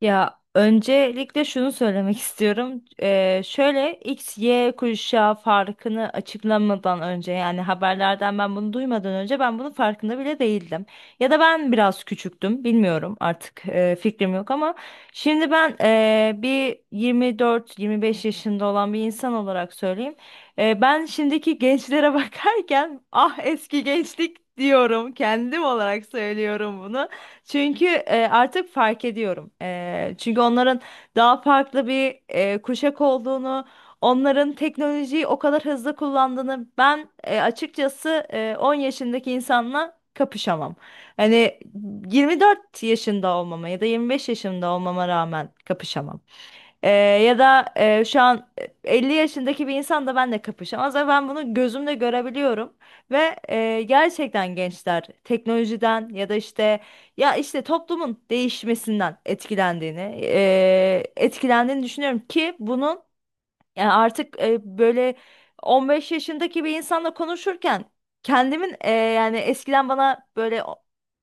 Ya öncelikle şunu söylemek istiyorum. Şöyle X, Y kuşağı farkını açıklamadan önce, yani haberlerden ben bunu duymadan önce, ben bunun farkında bile değildim. Ya da ben biraz küçüktüm, bilmiyorum artık, fikrim yok ama şimdi ben bir 24-25 yaşında olan bir insan olarak söyleyeyim. Ben şimdiki gençlere bakarken ah eski gençlik diyorum, kendim olarak söylüyorum bunu. Çünkü artık fark ediyorum. Çünkü onların daha farklı bir kuşak olduğunu, onların teknolojiyi o kadar hızlı kullandığını ben açıkçası 10 yaşındaki insanla kapışamam. Hani 24 yaşında olmama ya da 25 yaşında olmama rağmen kapışamam. Ee, Ya da şu an 50 yaşındaki bir insan da benimle kapışamaz ama ben bunu gözümle görebiliyorum ve gerçekten gençler teknolojiden ya da işte toplumun değişmesinden etkilendiğini düşünüyorum ki bunun, yani artık böyle 15 yaşındaki bir insanla konuşurken kendimin, yani eskiden bana böyle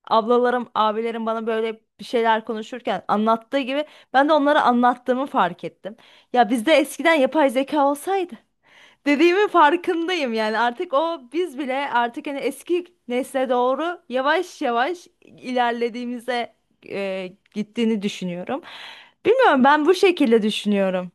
ablalarım, abilerim bana böyle bir şeyler konuşurken anlattığı gibi ben de onlara anlattığımı fark ettim. Ya bizde eskiden yapay zeka olsaydı dediğimin farkındayım, yani artık o biz bile artık hani eski nesle doğru yavaş yavaş ilerlediğimize, gittiğini düşünüyorum. Bilmiyorum, ben bu şekilde düşünüyorum.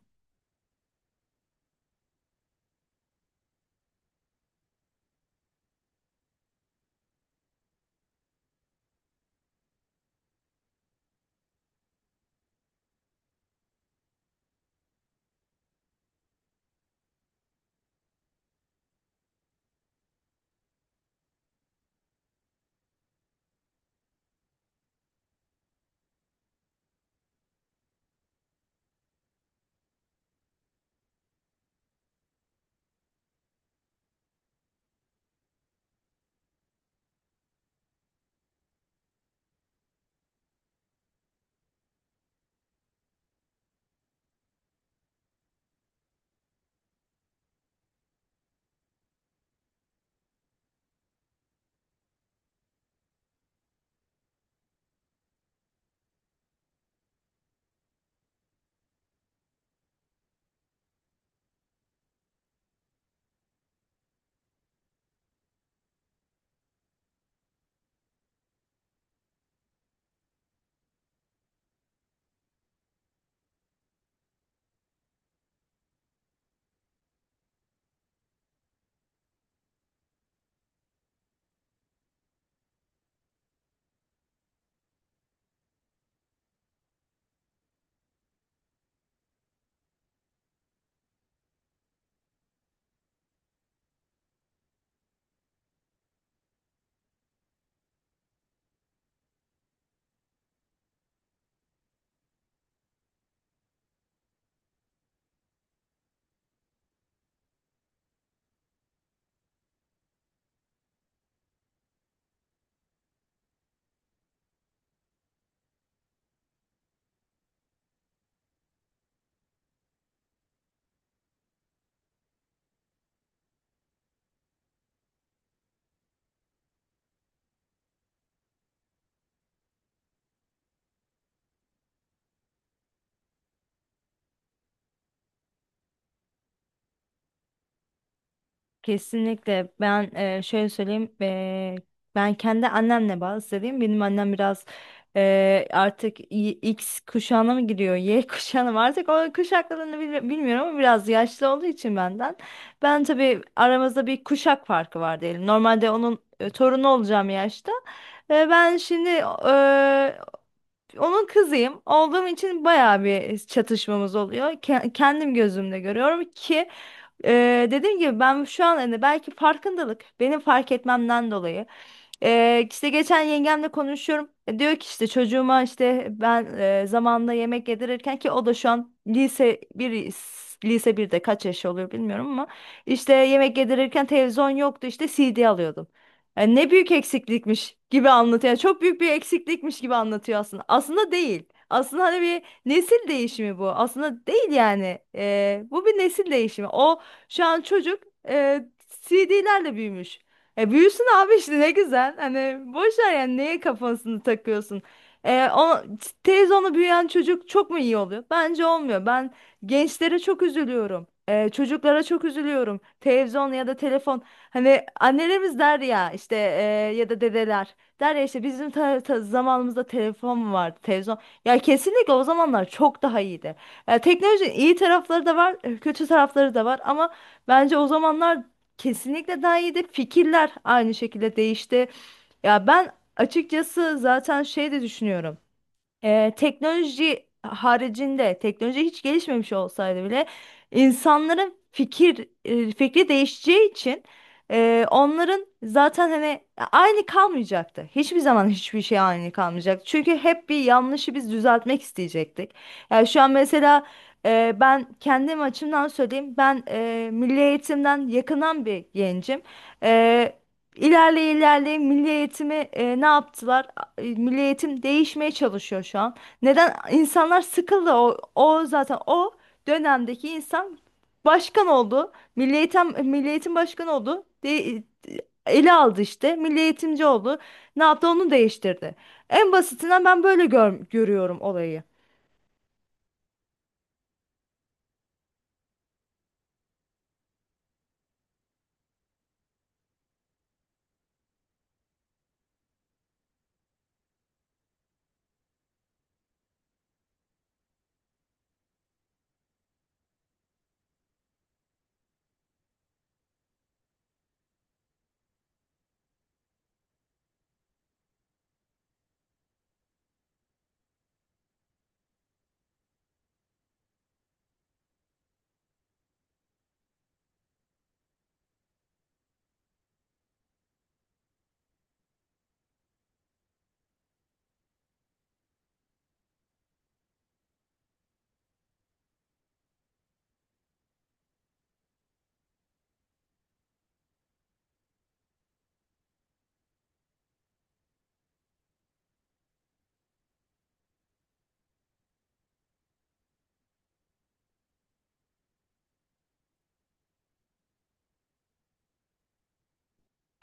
Kesinlikle, ben şöyle söyleyeyim, ben kendi annemle bağlı söyleyeyim. Benim annem biraz artık X kuşağına mı giriyor, Y kuşağına mı, artık o kuşaklarını bilmiyorum ama biraz yaşlı olduğu için benden, ben tabii aramızda bir kuşak farkı var diyelim, normalde onun torunu olacağım yaşta. Ben şimdi e, onun kızıyım olduğum için bayağı bir çatışmamız oluyor. Kendim gözümle görüyorum ki, dediğim gibi, ben şu an, hani belki farkındalık benim fark etmemden dolayı, işte geçen yengemle konuşuyorum. Diyor ki işte çocuğuma, işte ben zamanında yemek yedirirken, ki o da şu an lise bir, lise birde kaç yaş oluyor bilmiyorum, ama işte yemek yedirirken televizyon yoktu, işte CD alıyordum. Ne büyük eksiklikmiş gibi anlatıyor. Yani çok büyük bir eksiklikmiş gibi anlatıyor aslında. Aslında değil. Aslında hani bir nesil değişimi bu. Aslında değil yani. Bu bir nesil değişimi. O şu an çocuk e, CD'lerle büyümüş. E büyüsün abi, işte ne güzel. Hani boş ver yani, neye kafasını takıyorsun. E, o, Teyze onu büyüyen çocuk çok mu iyi oluyor? Bence olmuyor. Ben gençlere çok üzülüyorum. Çocuklara çok üzülüyorum. Televizyon ya da telefon. Hani annelerimiz der ya işte, ya da dedeler. Der ya işte bizim zamanımızda telefon mu vardı, televizyon? Ya kesinlikle o zamanlar çok daha iyiydi. Teknolojinin iyi tarafları da var, kötü tarafları da var ama bence o zamanlar kesinlikle daha iyiydi. Fikirler aynı şekilde değişti. Ya ben açıkçası zaten şey de düşünüyorum. Teknoloji haricinde, teknoloji hiç gelişmemiş olsaydı bile insanların fikri değişeceği için onların zaten hani aynı kalmayacaktı. Hiçbir zaman hiçbir şey aynı kalmayacaktı. Çünkü hep bir yanlışı biz düzeltmek isteyecektik. Yani şu an mesela ben kendim açımdan söyleyeyim. Ben milli eğitimden yakınan bir gencim. E, İlerleye ilerleye milli eğitimi ne yaptılar? Milli eğitim değişmeye çalışıyor şu an. Neden? İnsanlar sıkıldı. O zaten o dönemdeki insan başkan oldu. Milli eğitim başkanı oldu. Ele aldı işte. Milli eğitimci oldu. Ne yaptı? Onu değiştirdi. En basitinden ben böyle görüyorum olayı.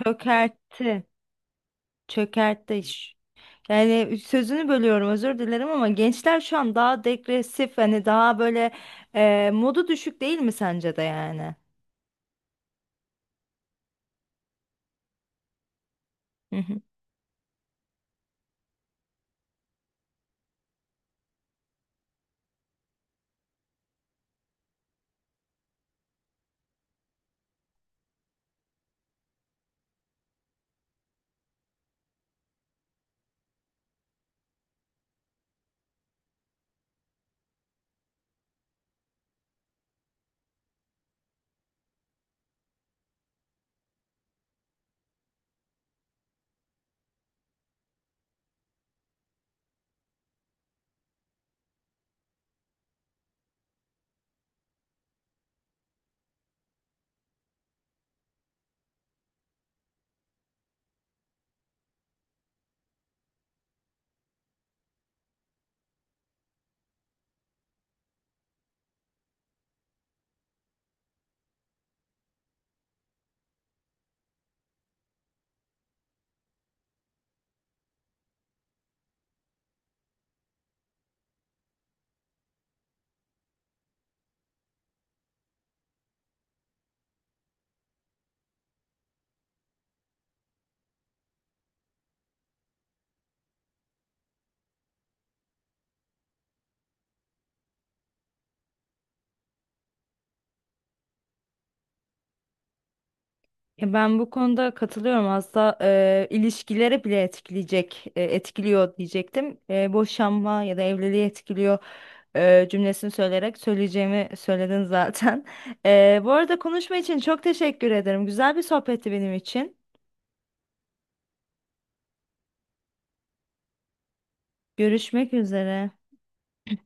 Çökertti. Çökertti iş. Yani sözünü bölüyorum, özür dilerim ama gençler şu an daha degresif, hani daha böyle modu düşük, değil mi sence de yani? Hı hı. Ya ben bu konuda katılıyorum. Aslında ilişkilere bile etkiliyor diyecektim. Boşanma ya da evliliği etkiliyor cümlesini söyleyerek söyleyeceğimi söyledin zaten. Bu arada konuşma için çok teşekkür ederim. Güzel bir sohbetti benim için. Görüşmek üzere.